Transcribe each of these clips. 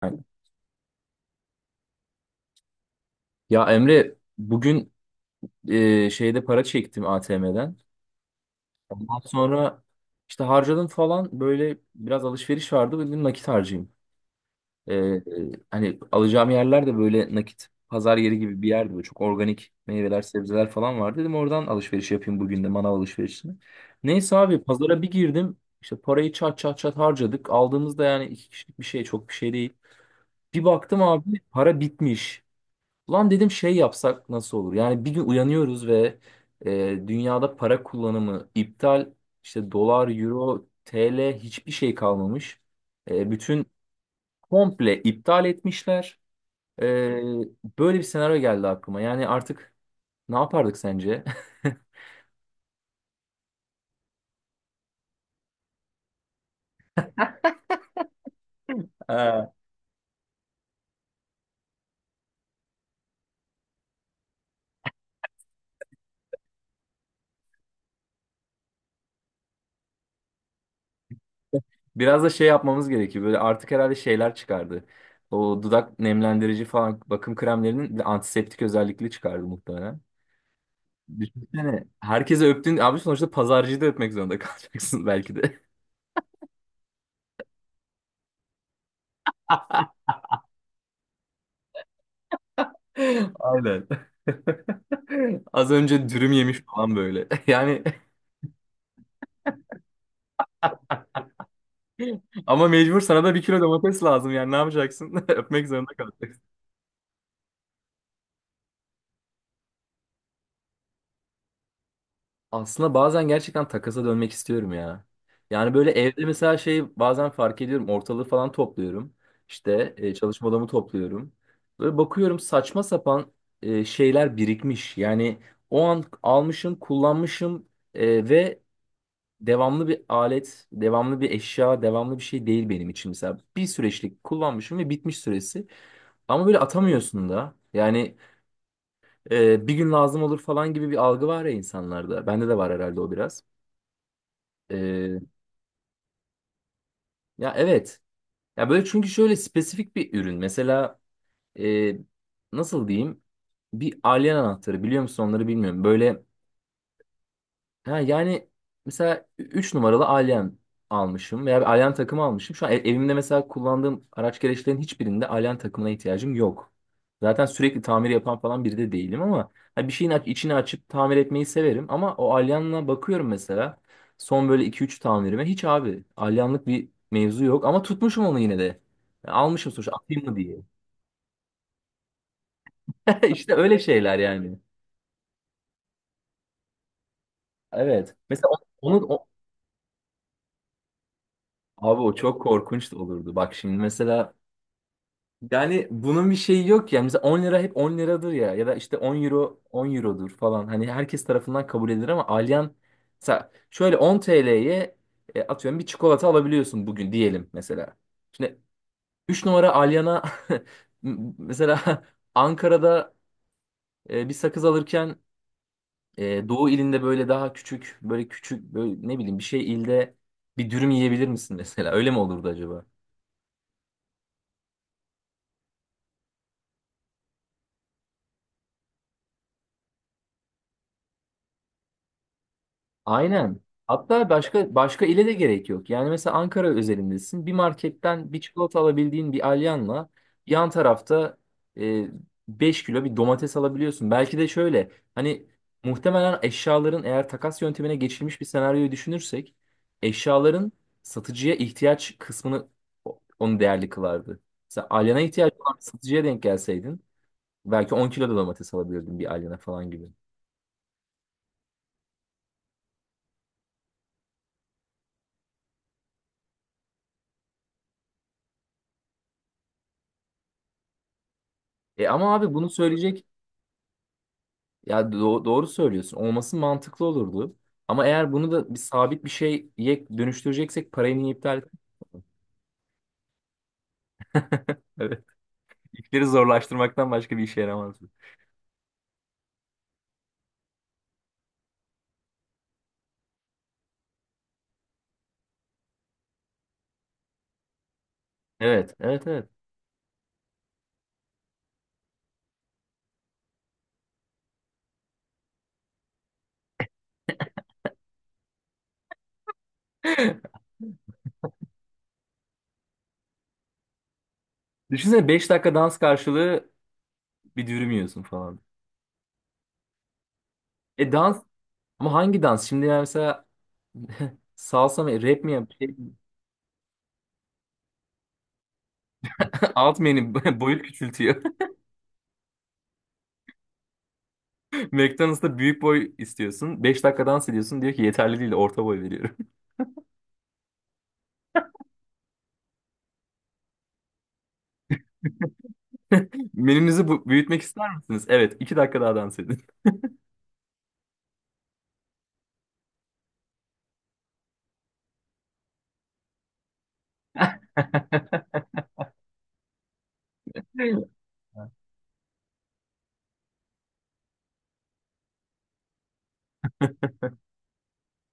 Aynen. Ya Emre bugün şeyde para çektim ATM'den. Ondan sonra işte harcadım falan böyle biraz alışveriş vardı dedim nakit harcayayım. E, e, hani alacağım yerler de böyle nakit pazar yeri gibi bir yerdi. Böyle çok organik meyveler sebzeler falan vardı. Dedim oradan alışveriş yapayım bugün de manav alışverişini. Neyse abi pazara bir girdim. İşte parayı çat çat çat harcadık. Aldığımızda yani iki kişilik bir şey çok bir şey değil. Bir baktım abi para bitmiş. Ulan dedim şey yapsak nasıl olur? Yani bir gün uyanıyoruz ve dünyada para kullanımı iptal. İşte dolar, euro, TL hiçbir şey kalmamış. Bütün komple iptal etmişler. E, böyle bir senaryo geldi aklıma. Yani artık ne yapardık sence? Ee, Biraz da şey yapmamız gerekiyor. Böyle artık herhalde şeyler çıkardı. O dudak nemlendirici falan bakım kremlerinin bir de antiseptik özellikli çıkardı muhtemelen. Düşünsene. Herkese öptün. Abi sonuçta pazarcıyı da öpmek zorunda kalacaksın belki de. Aynen. Az önce dürüm yemiş falan böyle. Yani ama mecbur sana da bir kilo domates lazım. Yani ne yapacaksın? Öpmek zorunda kalacaksın. Aslında bazen gerçekten takasa dönmek istiyorum ya. Yani böyle evde mesela şey bazen fark ediyorum ortalığı falan topluyorum. İşte çalışma odamı topluyorum. Böyle bakıyorum saçma sapan şeyler birikmiş. Yani o an almışım, kullanmışım ve devamlı bir alet, devamlı bir eşya, devamlı bir şey değil benim için. Mesela bir süreçlik kullanmışım ve bitmiş süresi. Ama böyle atamıyorsun da. Yani bir gün lazım olur falan gibi bir algı var ya insanlarda. Bende de var herhalde o biraz. Ee, ya evet. Ya böyle çünkü şöyle spesifik bir ürün. Mesela e, nasıl diyeyim? Bir alien anahtarı biliyor musun onları bilmiyorum. Böyle ha, yani mesela 3 numaralı Alyan almışım veya bir Alyan takımı almışım. Şu an evimde mesela kullandığım araç gereçlerin hiçbirinde Alyan takımına ihtiyacım yok. Zaten sürekli tamir yapan falan biri de değilim ama ha, bir şeyin içini açıp tamir etmeyi severim. Ama o Alyan'la bakıyorum mesela son böyle iki üç tamirime hiç abi Alyanlık bir mevzu yok ama tutmuşum onu yine de. Yani almışım sonuçta atayım mı diye. İşte öyle şeyler yani. Evet. Mesela onu, onu o- abi o çok korkunç da olurdu. Bak şimdi mesela yani bunun bir şeyi yok ya. Mesela 10 lira hep 10 liradır ya. Ya da işte 10 euro 10 eurodur falan. Hani herkes tarafından kabul edilir ama Alyan mesela şöyle 10 TL'ye atıyorum bir çikolata alabiliyorsun bugün diyelim mesela. Şimdi 3 numara Alyan'a mesela Ankara'da bir sakız alırken Doğu ilinde böyle daha küçük böyle küçük böyle ne bileyim bir şey ilde bir dürüm yiyebilir misin mesela? Öyle mi olurdu acaba? Aynen. Hatta başka başka ile de gerek yok. Yani mesela Ankara özelindesin. Bir marketten bir çikolata alabildiğin bir alyanla yan tarafta e, 5 kilo bir domates alabiliyorsun. Belki de şöyle hani muhtemelen eşyaların eğer takas yöntemine geçilmiş bir senaryoyu düşünürsek eşyaların satıcıya ihtiyaç kısmını onu değerli kılardı. Mesela alyana ihtiyaç olan bir satıcıya denk gelseydin belki 10 kilo da domates alabilirdin bir alyana falan gibi. E ama abi bunu söyleyecek... Ya doğru söylüyorsun. Olması mantıklı olurdu. Ama eğer bunu da bir sabit bir şeye dönüştüreceksek parayı niye iptal... Evet. İşleri zorlaştırmaktan başka bir işe yaramaz bu. Evet, evet, evet. Düşünsene beş dakika dans karşılığı bir dürüm yiyorsun falan. E dans ama hangi dans? Şimdi yani mesela salsa mı, rap mi yap? Şey, alt menü boyut küçültüyor. McDonald's'ta büyük boy istiyorsun. Beş dakika dans ediyorsun. Diyor ki yeterli değil, orta boy veriyorum. Menünüzü büyütmek ister misiniz? Evet, iki dakika daha dans edin.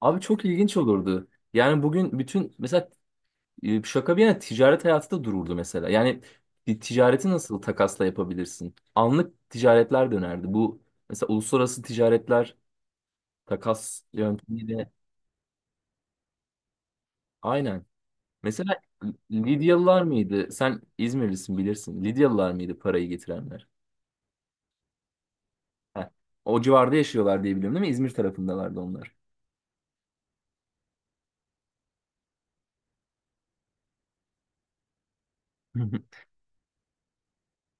Abi çok ilginç olurdu. Yani bugün bütün mesela şaka bir yana ticaret hayatı da dururdu mesela. Yani bir ticareti nasıl takasla yapabilirsin? Anlık ticaretler dönerdi. Bu mesela uluslararası ticaretler takas yöntemiyle aynen. Mesela Lidyalılar mıydı? Sen İzmirlisin bilirsin. Lidyalılar mıydı parayı getirenler? Heh. O civarda yaşıyorlar diye biliyorum değil mi? İzmir tarafındalardı onlar.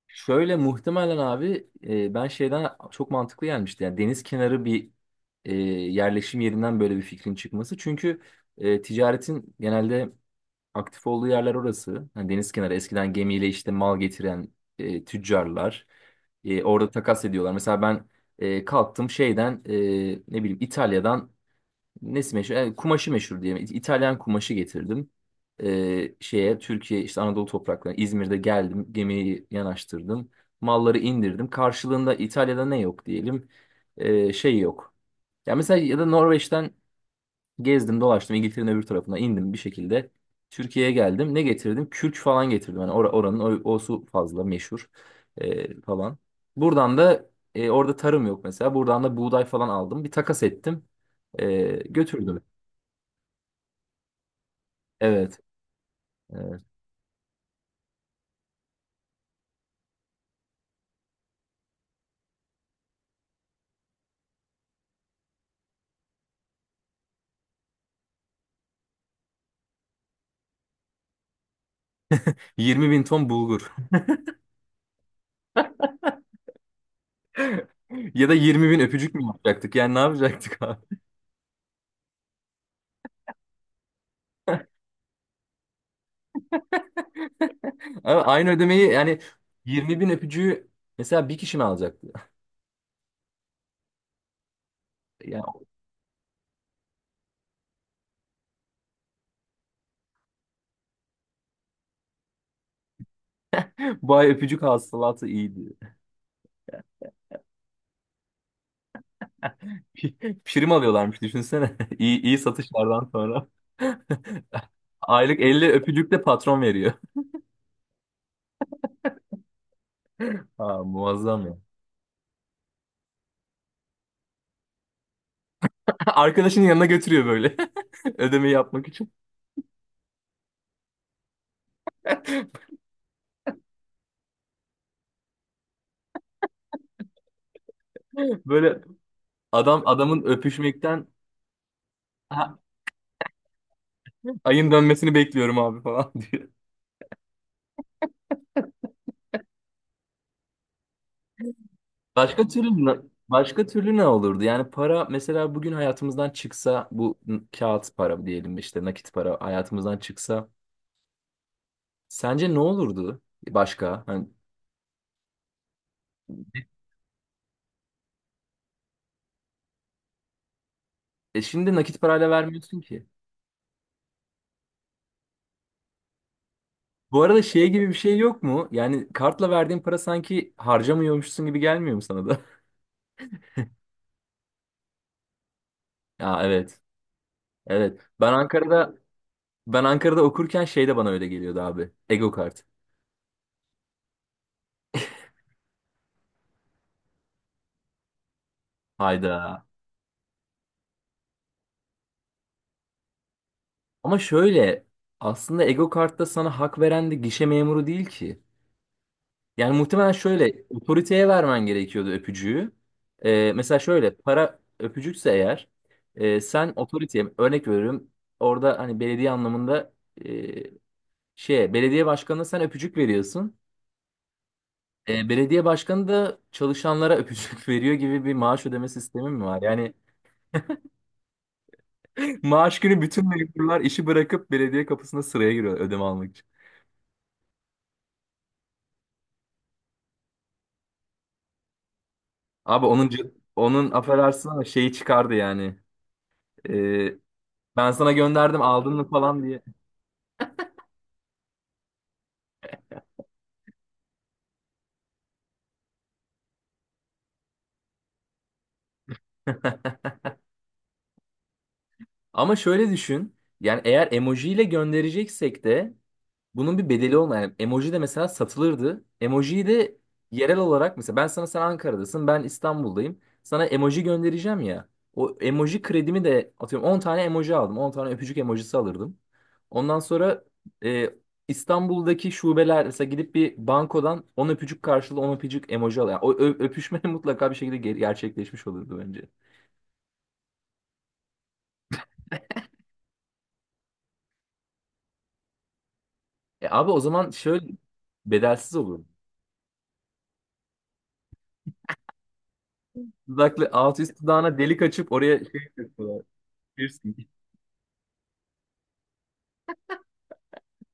Şöyle muhtemelen abi ben şeyden çok mantıklı gelmişti. Yani deniz kenarı bir yerleşim yerinden böyle bir fikrin çıkması. Çünkü ticaretin genelde aktif olduğu yerler orası. Yani deniz kenarı eskiden gemiyle işte mal getiren tüccarlar orada takas ediyorlar. Mesela ben kalktım şeyden ne bileyim İtalya'dan nesi meşhur? Yani kumaşı meşhur diyelim. İtalyan kumaşı getirdim. Şeye Türkiye işte Anadolu topraklarına İzmir'de geldim. Gemiyi yanaştırdım. Malları indirdim. Karşılığında İtalya'da ne yok diyelim. Şey yok. Ya mesela ya da Norveç'ten gezdim dolaştım İngiltere'nin öbür tarafına indim bir şekilde. Türkiye'ye geldim. Ne getirdim? Kürk falan getirdim. Hani oranın o, o su fazla meşhur falan. Buradan da orada tarım yok mesela. Buradan da buğday falan aldım. Bir takas ettim. Götürdüm. Evet. Evet. 20 bin ton bulgur. Ya da 20 bin öpücük mü yapacaktık? Yani ne yapacaktık abi? Ama aynı ödemeyi yani 20 bin öpücüğü mesela bir kişi mi alacaktı? Yani bu ay öpücük hasılatı iyiydi. Prim alıyorlarmış düşünsene. İyi, iyi satışlardan sonra. Aylık 50 öpücük de patron veriyor. Ha, muazzam ya. Arkadaşının yanına götürüyor böyle. Ödemeyi yapmak için. Böyle adam adamın öpüşmekten "Ha, ayın dönmesini bekliyorum abi falan diyor. Başka türlü başka türlü ne olurdu? Yani para mesela bugün hayatımızdan çıksa bu kağıt para diyelim işte nakit para hayatımızdan çıksa sence ne olurdu başka? Hani, şimdi nakit parayla vermiyorsun ki. Bu arada şey gibi bir şey yok mu? Yani kartla verdiğin para sanki harcamıyormuşsun gibi gelmiyor mu sana da? Ya evet. Evet. Ben Ankara'da okurken şey de bana öyle geliyordu abi. Ego kart. Hayda. Ama şöyle aslında Ego kartta sana hak veren de gişe memuru değil ki. Yani muhtemelen şöyle otoriteye vermen gerekiyordu öpücüğü. Mesela şöyle para öpücükse eğer sen otoriteye örnek veriyorum orada hani belediye anlamında e, şeye belediye başkanına sen öpücük veriyorsun. Belediye başkanı da çalışanlara öpücük veriyor gibi bir maaş ödeme sistemi mi var? Yani maaş günü bütün memurlar işi bırakıp belediye kapısına sıraya giriyor ödeme almak için. Abi onun onun affedersin ama şeyi çıkardı yani. E, ben sana gönderdim aldın mı falan diye. Ama şöyle düşün. Yani eğer emojiyle göndereceksek de bunun bir bedeli olmayan yani emoji de mesela satılırdı. Emojiyi de yerel olarak mesela ben sana sen Ankara'dasın, ben İstanbul'dayım. Sana emoji göndereceğim ya. O emoji kredimi de atıyorum 10 tane emoji aldım. 10 tane öpücük emojisi alırdım. Ondan sonra e, İstanbul'daki şubeler mesela gidip bir bankodan 10 öpücük karşılığı 10 öpücük emoji alıyor. Yani o öpüşme mutlaka bir şekilde gerçekleşmiş olurdu bence. E abi o zaman şöyle bedelsiz olur. Dudaklı alt üst dudağına delik açıp oraya şey yapıyorlar. Piercing.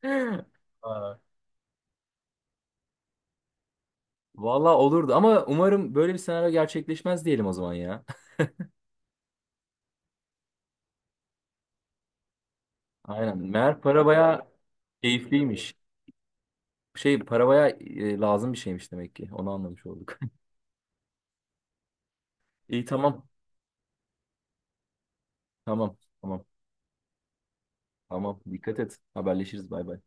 Aa, vallahi olurdu ama umarım böyle bir senaryo gerçekleşmez diyelim o zaman ya. Aynen. Meğer para bayağı keyifliymiş. Şey para bayağı lazım bir şeymiş demek ki. Onu anlamış olduk. İyi tamam. Tamam. Tamam. Tamam. Dikkat et. Haberleşiriz. Bay bay.